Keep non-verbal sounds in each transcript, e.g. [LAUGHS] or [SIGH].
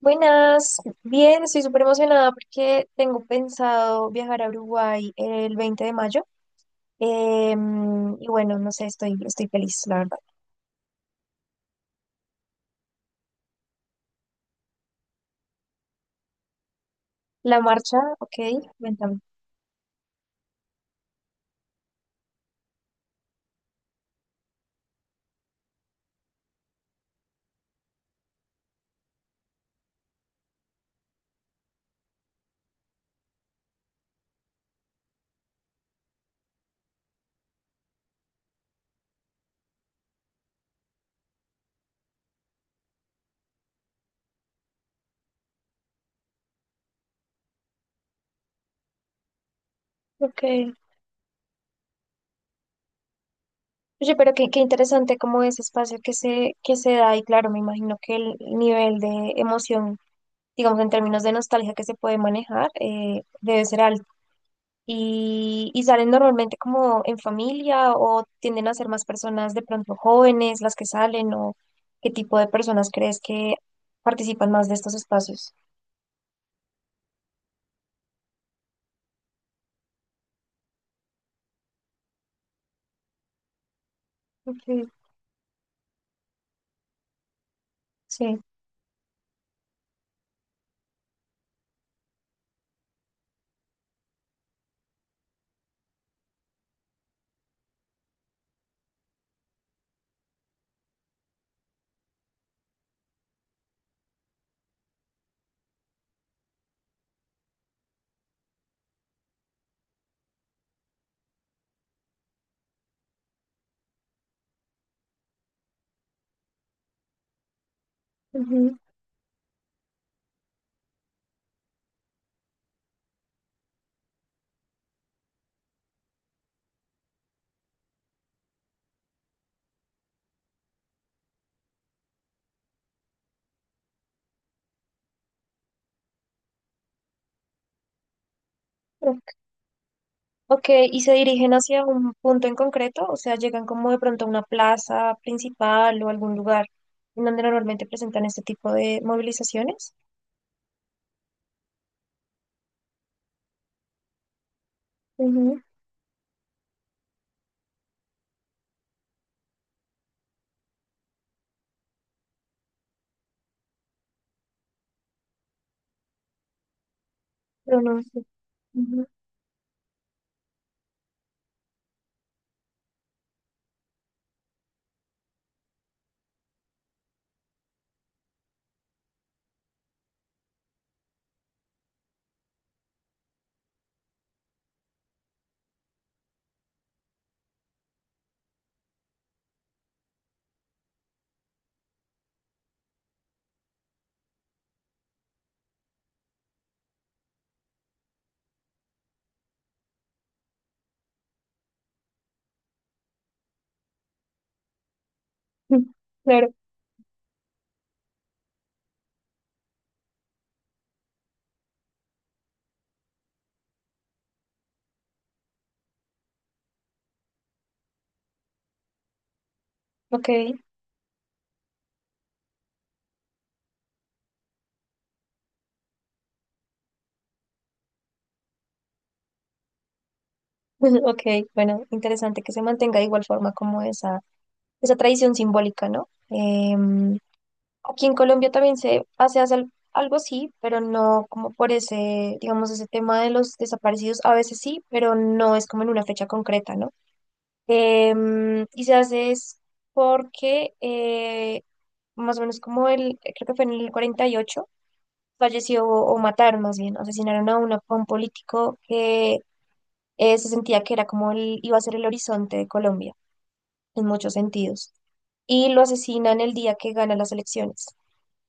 Buenas, bien, estoy súper emocionada porque tengo pensado viajar a Uruguay el 20 de mayo. Y bueno, no sé, estoy feliz, la verdad. La marcha, ok, cuéntame. Ok. Oye, pero qué interesante como ese espacio que se da y claro, me imagino que el nivel de emoción, digamos, en términos de nostalgia que se puede manejar, debe ser alto. Y salen normalmente como en familia o tienden a ser más personas de pronto jóvenes las que salen, o ¿qué tipo de personas crees que participan más de estos espacios? Okay. Sí. Ujú. Ok, ok, ¿y se dirigen hacia un punto en concreto? O sea, llegan como de pronto a una plaza principal o algún lugar en donde normalmente presentan este tipo de movilizaciones. Ujú. Pero no sé. Ujú. [LAUGHS] Claro, ok. [LAUGHS] Ok, bueno, interesante que se mantenga de igual forma como esa tradición simbólica, ¿no? Aquí en Colombia también se hace algo así, pero no como por ese, digamos, ese tema de los desaparecidos, a veces sí, pero no es como en una fecha concreta, ¿no? Y se hace es porque más o menos como el, creo que fue en el 48, falleció o mataron más bien, asesinaron a un político que se sentía que era como el, iba a ser el horizonte de Colombia en muchos sentidos. Y lo asesinan el día que gana las elecciones.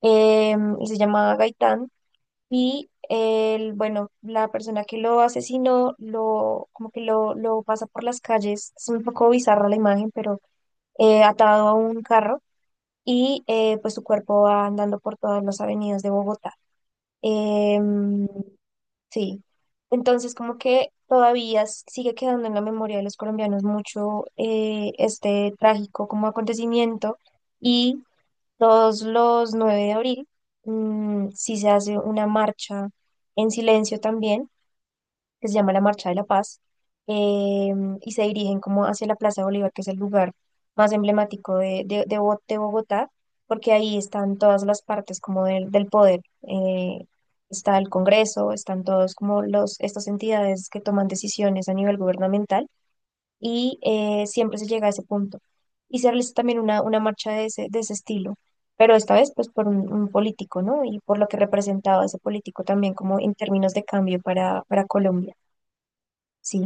Él se llamaba Gaitán y él, bueno, la persona que lo asesinó, como que lo pasa por las calles. Es un poco bizarra la imagen, pero atado a un carro, y pues su cuerpo va andando por todas las avenidas de Bogotá. Em, Sí, entonces como que todavía sigue quedando en la memoria de los colombianos mucho, este trágico como acontecimiento, y todos los 9 de abril sí se hace una marcha en silencio también, que se llama la Marcha de la Paz, eh, y se dirigen como hacia la Plaza Bolívar, que es el lugar más emblemático de Bogotá, porque ahí están todas las partes como del poder. eh, está el Congreso, están todos estas entidades que toman decisiones a nivel gubernamental, y siempre se llega a ese punto. Y se realiza también una marcha de ese estilo, pero esta vez pues por un político, ¿no? Y por lo que representaba ese político también como en términos de cambio para Colombia. Sí,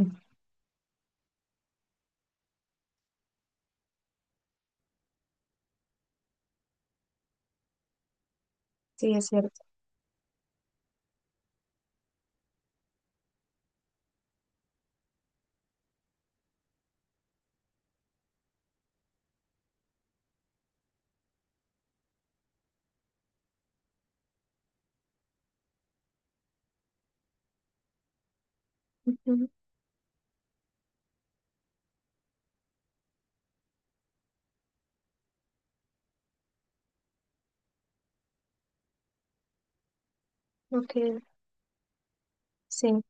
sí, es cierto. Ujú, ok, sí,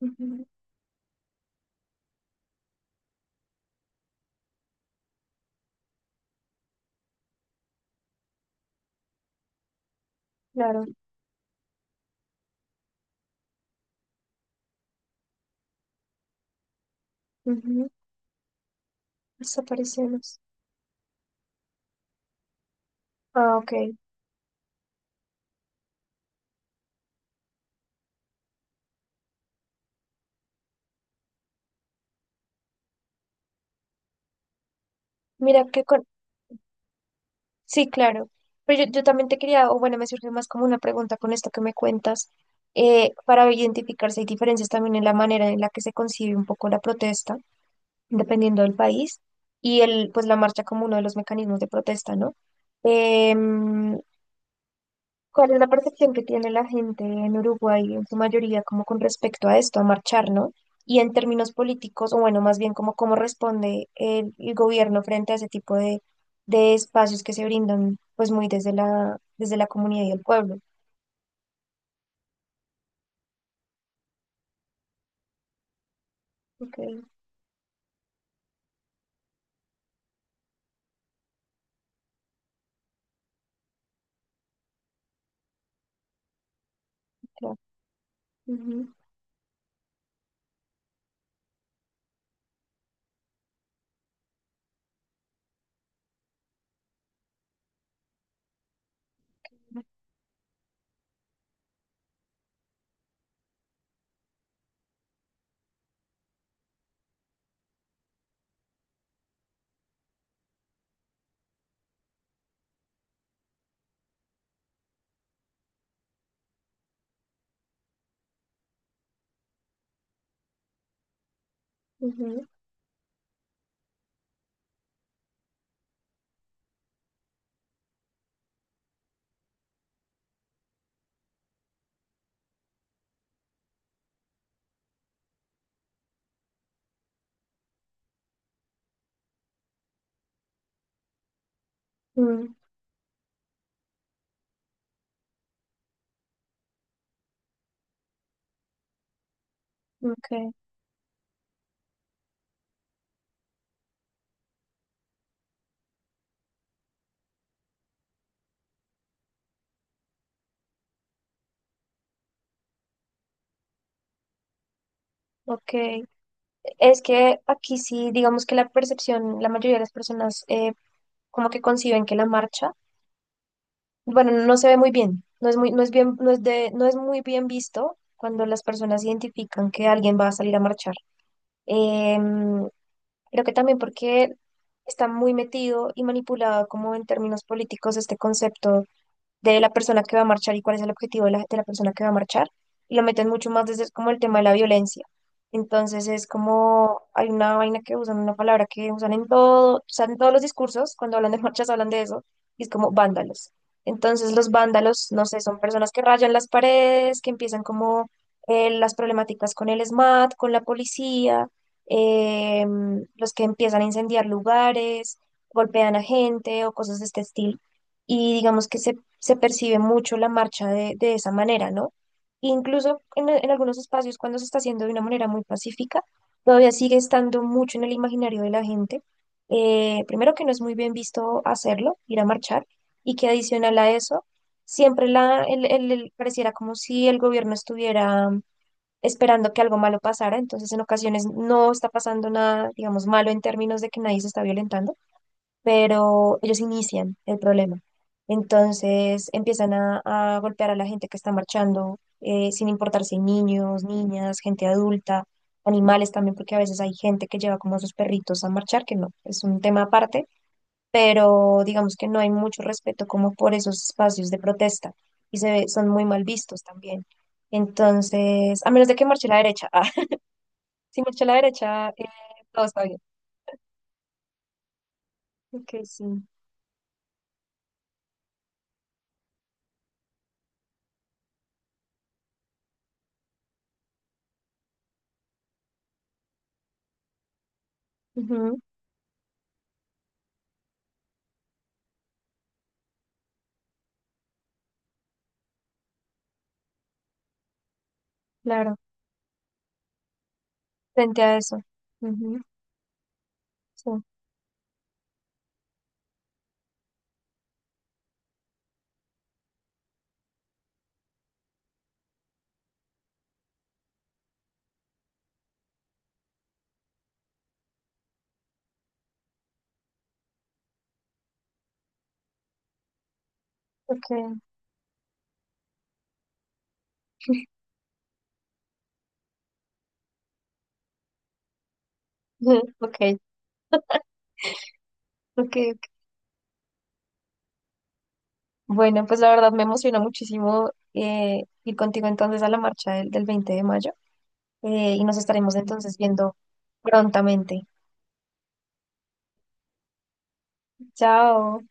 ujú, claro. Ujú. Desaparecemos. Ah, ok. Mira que con... Sí, claro. Pero yo también te quería, o bueno, me surge más como una pregunta con esto que me cuentas. Para identificarse, hay diferencias también en la manera en la que se concibe un poco la protesta, dependiendo del país, y pues la marcha como uno de los mecanismos de protesta, ¿no? Em, ¿Cuál es la percepción que tiene la gente en Uruguay, en su mayoría, como con respecto a esto, a marchar, ¿no? Y en términos políticos, o bueno, más bien como cómo responde el gobierno frente a ese tipo de espacios que se brindan, pues muy desde la comunidad y el pueblo. Ok, claro. Ujú, ujú, mm, ok, ok. Es que aquí sí, digamos que la percepción, la mayoría de las personas, como que conciben que la marcha, bueno, no se ve muy bien, no es muy, no es bien, no es de, no es muy bien visto cuando las personas identifican que alguien va a salir a marchar. Em, creo que también porque está muy metido y manipulado como en términos políticos este concepto de la persona que va a marchar y cuál es el objetivo de la persona que va a marchar. Y lo meten mucho más desde como el tema de la violencia. Entonces es como, hay una vaina que usan, una palabra que usan en todo, usan en todos los discursos, cuando hablan de marchas hablan de eso, y es como vándalos. Entonces los vándalos, no sé, son personas que rayan las paredes, que empiezan como las problemáticas con el SMAT, con la policía, los que empiezan a incendiar lugares, golpean a gente o cosas de este estilo, y digamos que se percibe mucho la marcha de esa manera, ¿no? Incluso en algunos espacios, cuando se está haciendo de una manera muy pacífica, todavía sigue estando mucho en el imaginario de la gente. Primero que no es muy bien visto hacerlo, ir a marchar, y que adicional a eso, siempre la, el- pareciera como si el gobierno estuviera esperando que algo malo pasara. Entonces en ocasiones no está pasando nada, digamos, malo en términos de que nadie se está violentando, pero ellos inician el problema. Entonces empiezan a golpear a la gente que está marchando, sin importar si niños, niñas, gente adulta, animales también, porque a veces hay gente que lleva como a sus perritos a marchar, que no, es un tema aparte, pero digamos que no hay mucho respeto como por esos espacios de protesta, y son muy mal vistos también. Entonces, a menos de que marche la derecha, [LAUGHS] ah, si marcha la derecha, todo está bien. Ok, sí. Ujú, claro. Frente a eso. Ujú, sí, ok, [LAUGHS] ujú, ok, ok, ok. Bueno, pues la verdad me emocionó muchísimo, ir contigo entonces a la marcha del 20 de mayo, y nos estaremos entonces viendo prontamente. Chao.